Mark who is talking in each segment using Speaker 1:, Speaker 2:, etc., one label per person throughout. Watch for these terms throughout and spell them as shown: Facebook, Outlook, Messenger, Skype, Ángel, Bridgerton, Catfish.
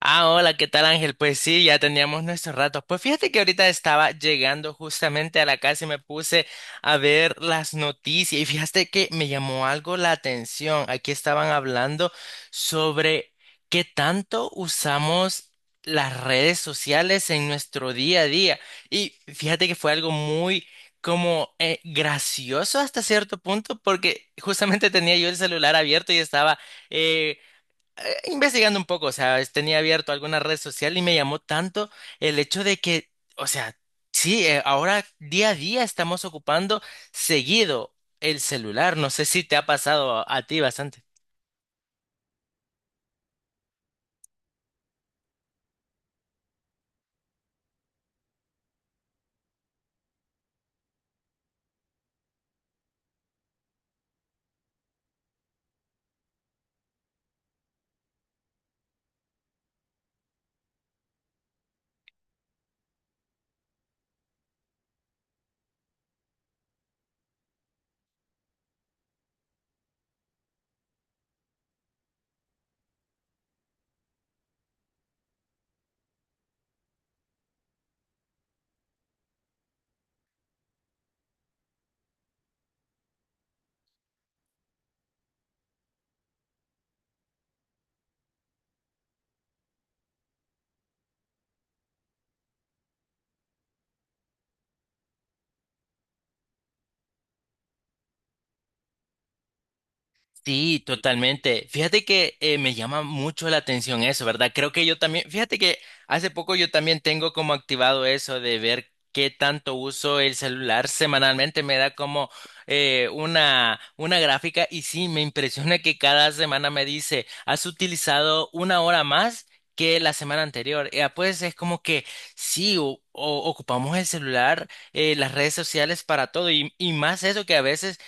Speaker 1: Ah, hola, ¿qué tal, Ángel? Pues sí, ya teníamos nuestros ratos. Pues fíjate que ahorita estaba llegando justamente a la casa y me puse a ver las noticias y fíjate que me llamó algo la atención. Aquí estaban hablando sobre qué tanto usamos las redes sociales en nuestro día a día. Y fíjate que fue algo muy como gracioso hasta cierto punto porque justamente tenía yo el celular abierto y estaba... eh, investigando un poco, o sea, es- tenía abierto alguna red social y me llamó tanto el hecho de que, o sea, sí, ahora día a día estamos ocupando seguido el celular. No sé si te ha pasado a ti bastante. Sí, totalmente. Fíjate que me llama mucho la atención eso, ¿verdad? Creo que yo también, fíjate que hace poco yo también tengo como activado eso de ver qué tanto uso el celular semanalmente. Me da como una gráfica y sí, me impresiona que cada semana me dice, has utilizado una hora más que la semana anterior. Pues es como que sí, ocupamos el celular, las redes sociales para todo y más eso que a veces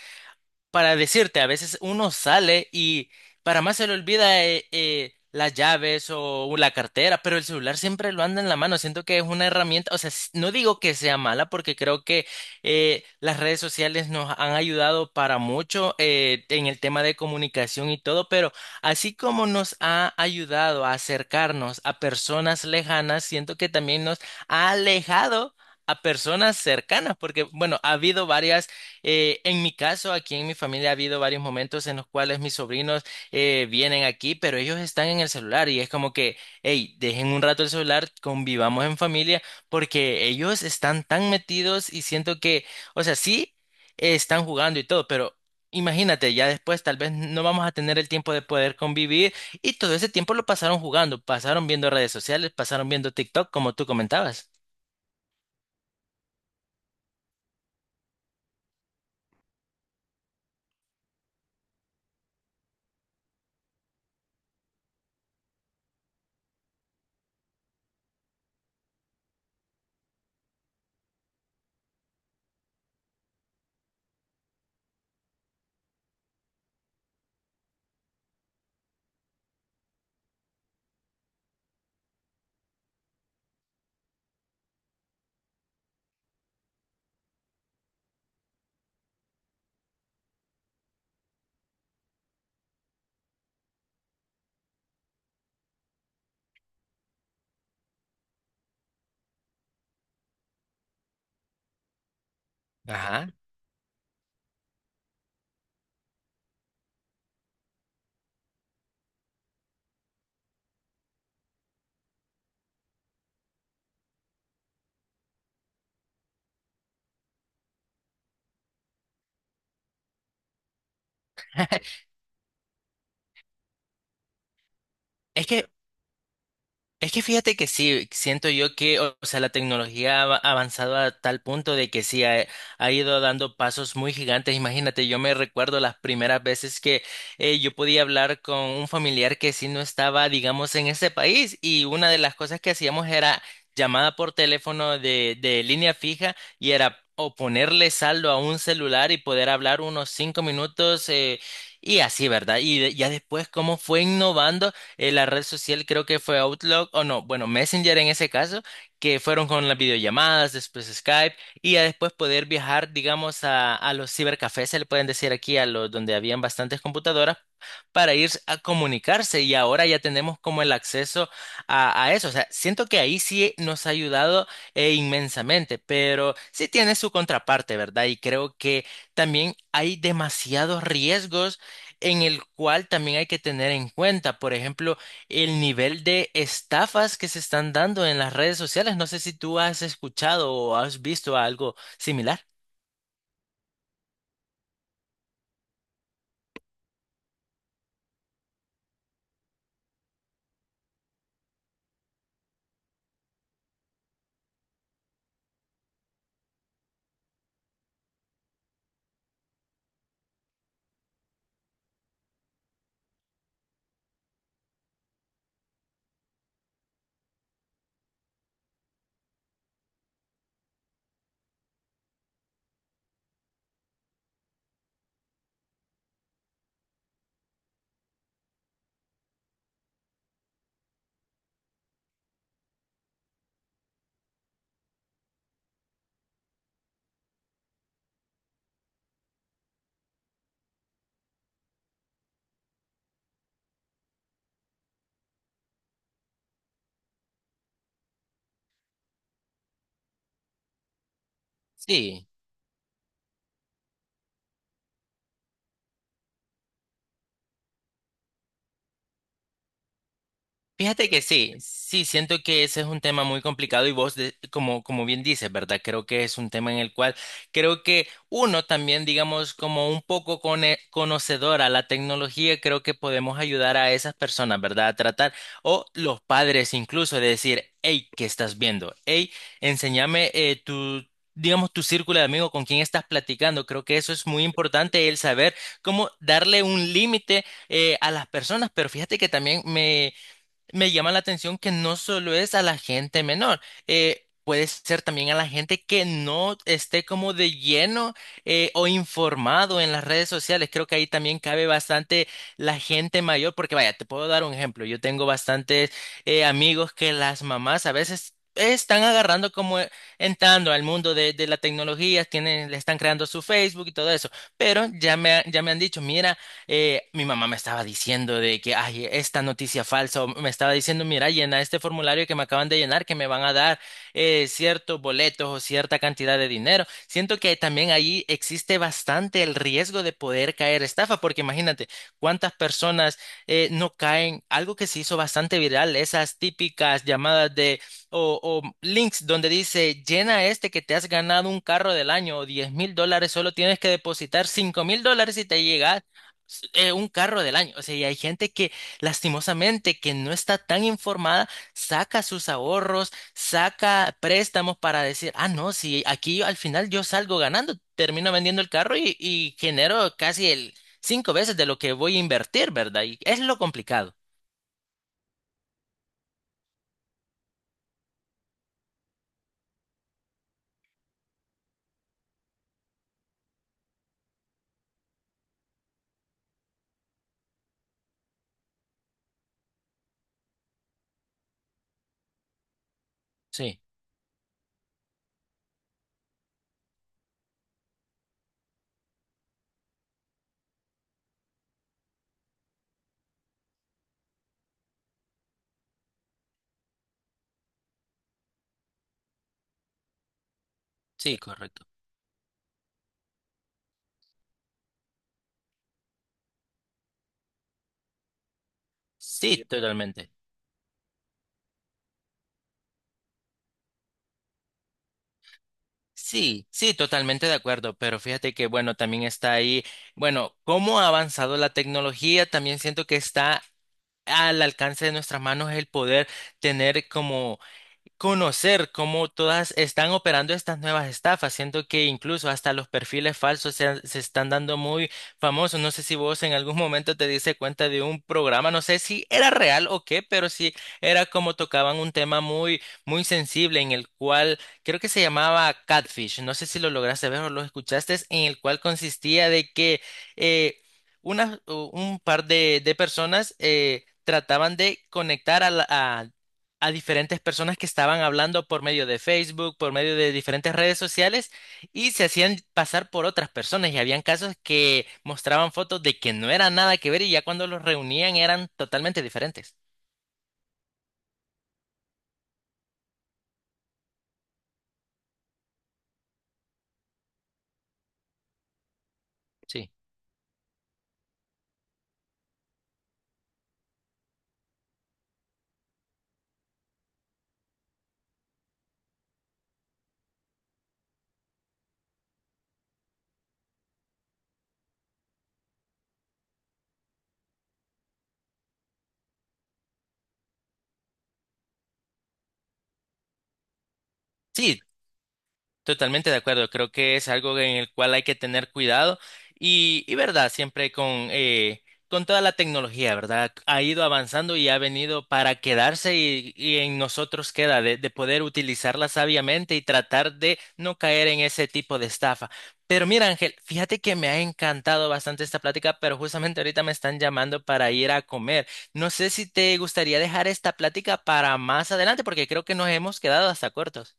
Speaker 1: para decirte, a veces uno sale y para más se le olvida las llaves o la cartera, pero el celular siempre lo anda en la mano. Siento que es una herramienta, o sea, no digo que sea mala porque creo que las redes sociales nos han ayudado para mucho en el tema de comunicación y todo, pero así como nos ha ayudado a acercarnos a personas lejanas, siento que también nos ha alejado a personas cercanas, porque bueno, ha habido varias, en mi caso, aquí en mi familia ha habido varios momentos en los cuales mis sobrinos vienen aquí, pero ellos están en el celular y es como que, hey, dejen un rato el celular, convivamos en familia, porque ellos están tan metidos y siento que, o sea, sí, están jugando y todo, pero imagínate, ya después tal vez no vamos a tener el tiempo de poder convivir y todo ese tiempo lo pasaron jugando, pasaron viendo redes sociales, pasaron viendo TikTok, como tú comentabas. Ajá. Es que Es que fíjate que sí, siento yo que, o sea, la tecnología ha avanzado a tal punto de que sí ha ido dando pasos muy gigantes. Imagínate, yo me recuerdo las primeras veces que yo podía hablar con un familiar que sí no estaba, digamos, en ese país y una de las cosas que hacíamos era llamada por teléfono de línea fija y era o ponerle saldo a un celular y poder hablar unos 5 minutos, y así, ¿verdad? Y de- ya después cómo fue innovando, la red social creo que fue Outlook, o no, bueno, Messenger en ese caso, que fueron con las videollamadas, después Skype, y ya después poder viajar, digamos, a los cibercafés, se le pueden decir aquí, a los donde habían bastantes computadoras, para ir a comunicarse, y ahora ya tenemos como el acceso a eso. O sea, siento que ahí sí nos ha ayudado inmensamente, pero sí tiene su contraparte, ¿verdad? Y creo que también hay demasiados riesgos en el cual también hay que tener en cuenta, por ejemplo, el nivel de estafas que se están dando en las redes sociales. No sé si tú has escuchado o has visto algo similar. Sí, fíjate que sí, sí, siento que ese es un tema muy complicado y vos, de- como, como bien dices, ¿verdad? Creo que es un tema en el cual creo que uno también, digamos, como un poco conocedor a la tecnología, creo que podemos ayudar a esas personas, ¿verdad? A tratar, o los padres incluso, de decir, hey, ¿qué estás viendo? Hey, enséñame, tu... digamos, tu círculo de amigos con quién estás platicando. Creo que eso es muy importante, el saber cómo darle un límite, a las personas, pero fíjate que también me llama la atención que no solo es a la gente menor, puede ser también a la gente que no esté como de lleno, o informado en las redes sociales. Creo que ahí también cabe bastante la gente mayor, porque vaya, te puedo dar un ejemplo. Yo tengo bastantes, amigos que las mamás a veces... Están agarrando como entrando al mundo de la tecnología, tienen, le están creando su Facebook y todo eso, pero ya ya me han dicho, mira, mi mamá me estaba diciendo de que, ay, esta noticia falsa, o me estaba diciendo, mira, llena este formulario que me acaban de llenar, que me van a dar, ciertos boletos o cierta cantidad de dinero. Siento que también ahí existe bastante el riesgo de poder caer estafa, porque imagínate cuántas personas, no caen, algo que se hizo bastante viral, esas típicas llamadas de o links donde dice llena este que te has ganado un carro del año o $10,000, solo tienes que depositar $5,000 y te llega un carro del año. O sea, y hay gente que lastimosamente que no está tan informada, saca sus ahorros, saca préstamos para decir, ah, no, si aquí al final yo salgo ganando, termino vendiendo el carro y genero casi el 5 veces de lo que voy a invertir, ¿verdad? Y es lo complicado. Sí, sí, correcto. Sí, sí, totalmente. Sí, sí, totalmente de acuerdo, pero fíjate que bueno, también está ahí, bueno, cómo ha avanzado la tecnología, también siento que está al alcance de nuestras manos es el poder tener como conocer cómo todas están operando estas nuevas estafas, siento que incluso hasta los perfiles falsos se están dando muy famosos. No sé si vos en algún momento te diste cuenta de un programa, no sé si era real o qué, pero sí era como tocaban un tema muy, muy sensible en el cual creo que se llamaba Catfish. No sé si lo lograste ver o lo escuchaste, en el cual consistía de que eh, un par de personas trataban de conectar a a diferentes personas que estaban hablando por medio de Facebook, por medio de diferentes redes sociales y se hacían pasar por otras personas y habían casos que mostraban fotos de que no era nada que ver y ya cuando los reunían eran totalmente diferentes. Sí. Sí, totalmente de acuerdo, creo que es algo en el cual hay que tener cuidado y verdad, siempre con toda la tecnología, ¿verdad? Ha ido avanzando y ha venido para quedarse y en nosotros queda de poder utilizarla sabiamente y tratar de no caer en ese tipo de estafa. Pero mira, Ángel, fíjate que me ha encantado bastante esta plática, pero justamente ahorita me están llamando para ir a comer. No sé si te gustaría dejar esta plática para más adelante, porque creo que nos hemos quedado hasta cortos.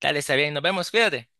Speaker 1: Dale, está bien, nos vemos, cuídate.